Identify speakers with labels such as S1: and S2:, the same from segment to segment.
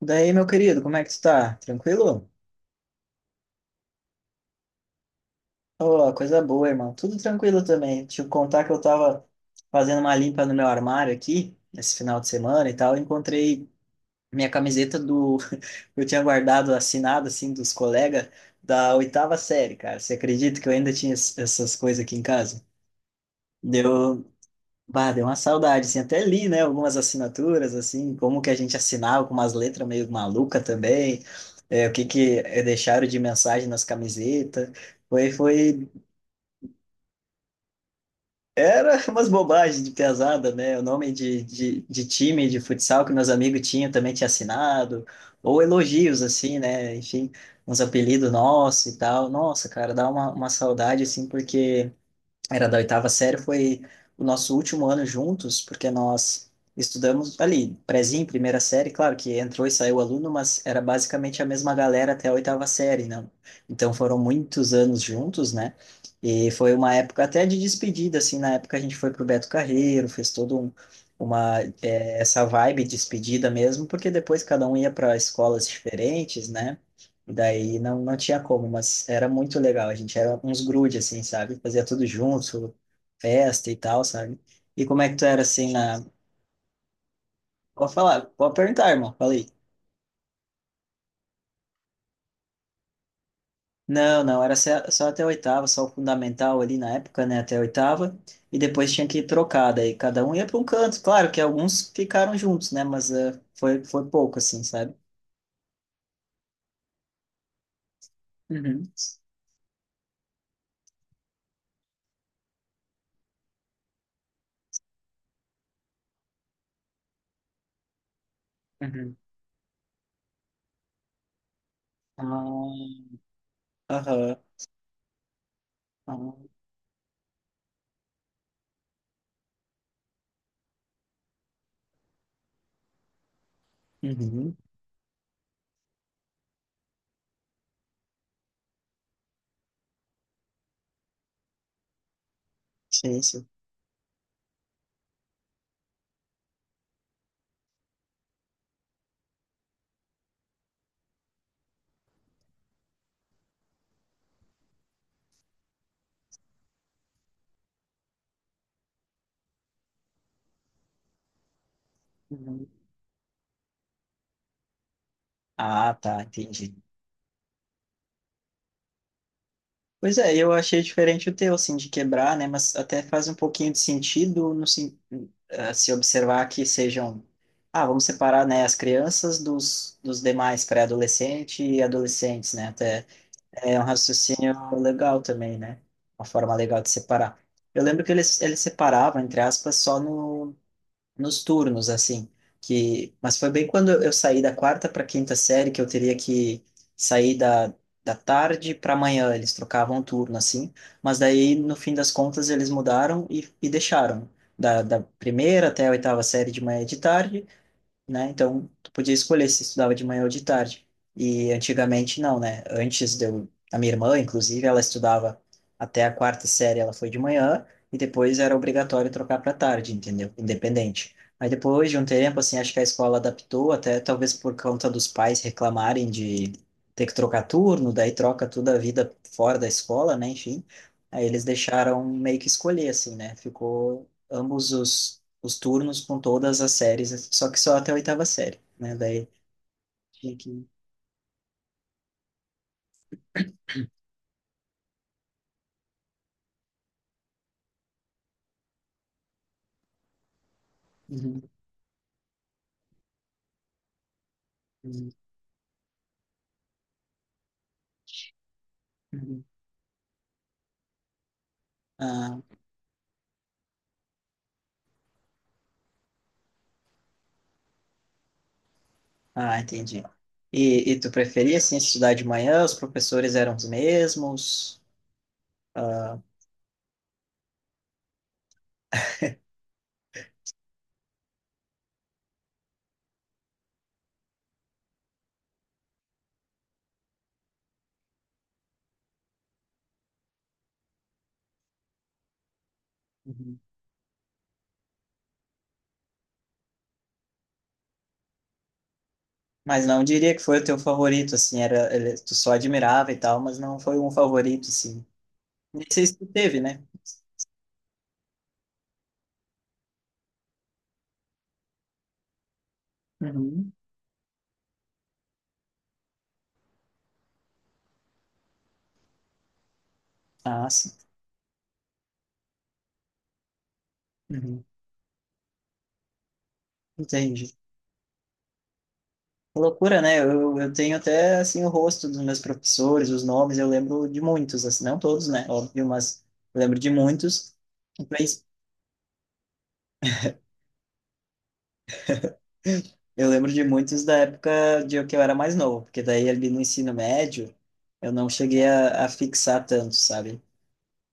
S1: Daí, meu querido, como é que tu tá? Tranquilo? Ô, coisa boa, irmão. Tudo tranquilo também. Te contar que eu tava fazendo uma limpa no meu armário aqui, esse final de semana e tal. Eu encontrei minha camiseta do. Eu tinha guardado assinado, assim, dos colegas da oitava série, cara. Você acredita que eu ainda tinha essas coisas aqui em casa? Deu, Bah, deu uma saudade, assim, até li, né, algumas assinaturas, assim, como que a gente assinava com umas letras meio maluca também, é, o que que é, deixaram de mensagem nas camisetas, foi, era umas bobagens de pesada, né, o nome de time de futsal que meus amigos tinham também tinha assinado, ou elogios, assim, né, enfim, uns apelidos nossos e tal, nossa, cara, dá uma saudade, assim, porque era da oitava série, foi o nosso último ano juntos, porque nós estudamos ali, prézinho, primeira série, claro que entrou e saiu aluno, mas era basicamente a mesma galera até a oitava série, não? Então foram muitos anos juntos, né? E foi uma época até de despedida, assim, na época a gente foi pro Beto Carreiro, fez todo um, uma, é, essa vibe de despedida mesmo, porque depois cada um ia para escolas diferentes, né? Daí não, não tinha como, mas era muito legal. A gente era uns grude, assim, sabe? Fazia tudo junto, festa e tal, sabe? E como é que tu era, assim, na... Pode falar, pode perguntar, irmão. Falei. Não, não, era só até a oitava, só o fundamental ali na época, né? Até a oitava. E depois tinha que ir trocar, daí cada um ia para um canto. Claro que alguns ficaram juntos, né? Mas eh, foi, foi pouco, assim, sabe? Uhum, uhum. Ah, aham. Ah, uhum. Sim, sim. Uhum. Ah, tá, entendi. Pois é, eu achei diferente o teu, assim, de quebrar, né? Mas até faz um pouquinho de sentido no, se observar que sejam. Ah, vamos separar, né, as crianças dos, dos demais pré-adolescente e adolescentes, né? Até é um raciocínio legal também, né? Uma forma legal de separar. Eu lembro que eles separavam, entre aspas, só no nos turnos, assim, que, mas foi bem quando eu saí da quarta para quinta série que eu teria que sair da, da tarde para manhã, eles trocavam turno, assim, mas daí, no fim das contas, eles mudaram e deixaram, da, da primeira até a oitava série de manhã e de tarde, né? Então, tu podia escolher se estudava de manhã ou de tarde. E antigamente não, né? Antes de eu, a minha irmã, inclusive, ela estudava até a quarta série, ela foi de manhã e depois era obrigatório trocar para tarde, entendeu? Independente. Aí depois de um tempo, assim, acho que a escola adaptou, até talvez por conta dos pais reclamarem de ter que trocar turno, daí troca toda a vida fora da escola, né? Enfim, aí eles deixaram meio que escolher, assim, né? Ficou ambos os turnos com todas as séries, assim, só que só até a oitava série, né? Daí tinha que. Uhum, uhum, uhum. Ah, ah, entendi. E tu preferia assim, estudar de manhã? Os professores eram os mesmos? Ah, uhum. Mas não diria que foi o teu favorito, assim, era, ele- tu só admirava e tal, mas não foi um favorito, assim. Nem sei se tu teve, né? Uhum. Ah, sim. Uhum. Entendi. Que loucura, né? Eu tenho até, assim, o rosto dos meus professores, os nomes, eu lembro de muitos, assim, não todos, né? Óbvio, mas eu lembro de muitos. Mas eu lembro de muitos da época de que eu era mais novo, porque daí ali no ensino médio eu não cheguei a fixar tanto, sabe?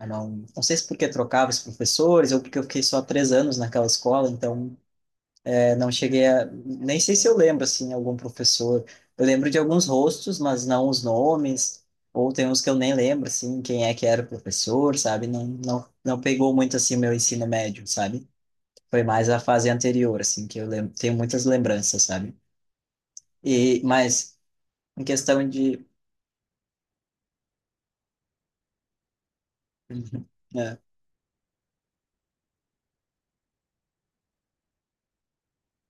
S1: Eu não, não sei se porque trocava os professores ou porque eu fiquei só 3 anos naquela escola, então eu não cheguei a. Nem sei se eu lembro, assim, algum professor. Eu lembro de alguns rostos, mas não os nomes. Ou tem uns que eu nem lembro, assim, quem é que era o professor, sabe? Não, não, não pegou muito, assim, meu ensino médio, sabe? Foi mais a fase anterior, assim, que eu lembro. Tenho muitas lembranças, sabe? E, mas, em questão de. Uhum. É.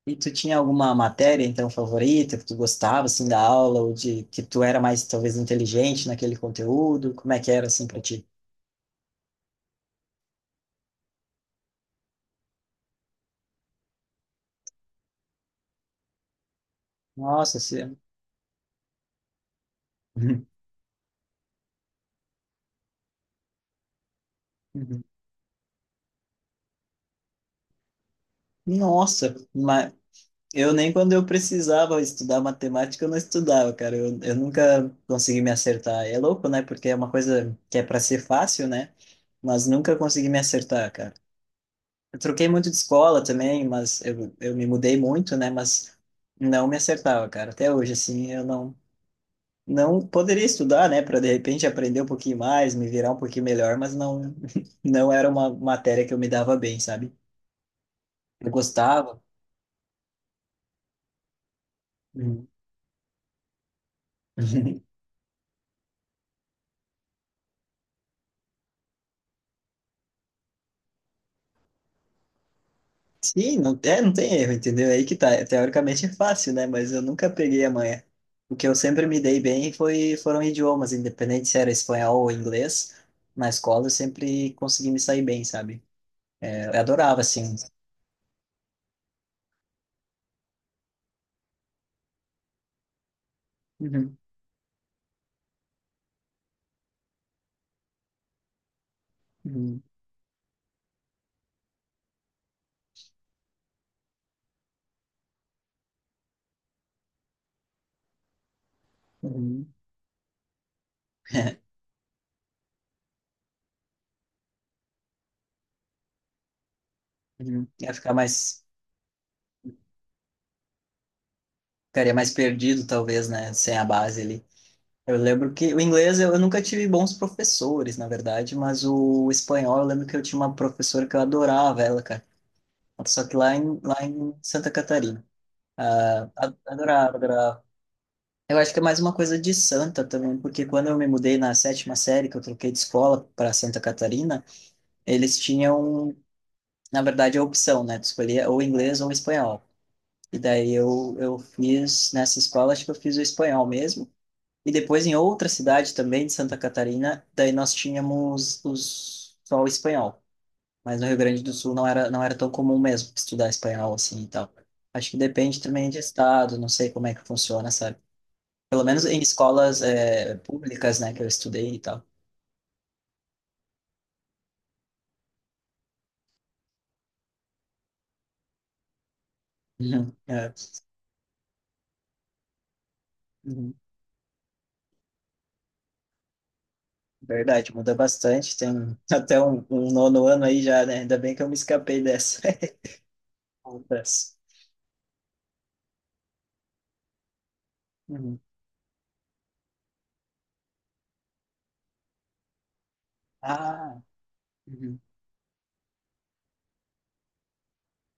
S1: E tu tinha alguma matéria, então, favorita, que tu gostava, assim, da aula, ou de que tu era mais, talvez, inteligente naquele conteúdo? Como é que era, assim, pra ti? Nossa, assim... Uhum. Nossa, mas eu nem quando eu precisava estudar matemática, eu não estudava, cara. Eu nunca consegui me acertar. É louco, né? Porque é uma coisa que é para ser fácil, né? Mas nunca consegui me acertar, cara. Eu troquei muito de escola também, mas eu me mudei muito, né? Mas não me acertava, cara. Até hoje, assim, eu não, não poderia estudar, né? Para de repente aprender um pouquinho mais, me virar um pouquinho melhor, mas não, não era uma matéria que eu me dava bem, sabe? Eu gostava. Uhum. Sim, não, é, não tem erro, entendeu? É aí que tá. Teoricamente é fácil, né? Mas eu nunca peguei a manha. O que eu sempre me dei bem foi, foram idiomas, independente se era espanhol ou inglês. Na escola eu sempre consegui me sair bem, sabe? É, eu adorava, assim. Uhum, uhum, uhum. Uhum. Ia ficar mais, ficaria mais perdido, talvez, né? Sem a base ali. Eu lembro que o inglês eu nunca tive bons professores, na verdade, mas o espanhol eu lembro que eu tinha uma professora que eu adorava ela, cara. Só que lá em Santa Catarina. Ah, a- adorava, adorava. Eu acho que é mais uma coisa de Santa também, porque quando eu me mudei na sétima série, que eu troquei de escola para Santa Catarina, eles tinham, na verdade, a opção, né? Tu escolhia ou inglês ou espanhol. E daí eu fiz nessa escola, acho que eu fiz o espanhol mesmo. E depois em outra cidade também de Santa Catarina, daí nós tínhamos os, só o espanhol. Mas no Rio Grande do Sul não era, não era tão comum mesmo estudar espanhol assim e tal. Acho que depende também de estado, não sei como é que funciona, sabe? Pelo menos em escolas é, públicas, né, que eu estudei e tal. Uhum, é, uhum. Verdade, muda bastante. Tem até um nono ano aí já, né? Ainda bem que eu me escapei dessa. Outras. Uhum. Ah, uhum.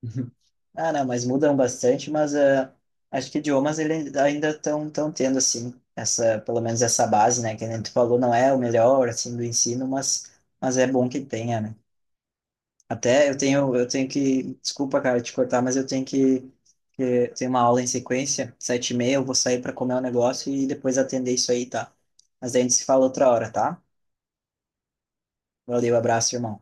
S1: Uhum. Ah, não, mas mudam bastante, mas ah, acho que idiomas ele ainda estão tão tendo, assim, essa, pelo menos essa base, né? Que nem tu falou, não é o melhor, assim, do ensino, mas é bom que tenha, né? Até eu tenho que, desculpa, cara, te cortar, mas que eu tenho uma aula em sequência, 7h30, eu vou sair para comer um negócio e depois atender isso aí, tá? Mas daí a gente se fala outra hora, tá? Valeu, abraço, irmão.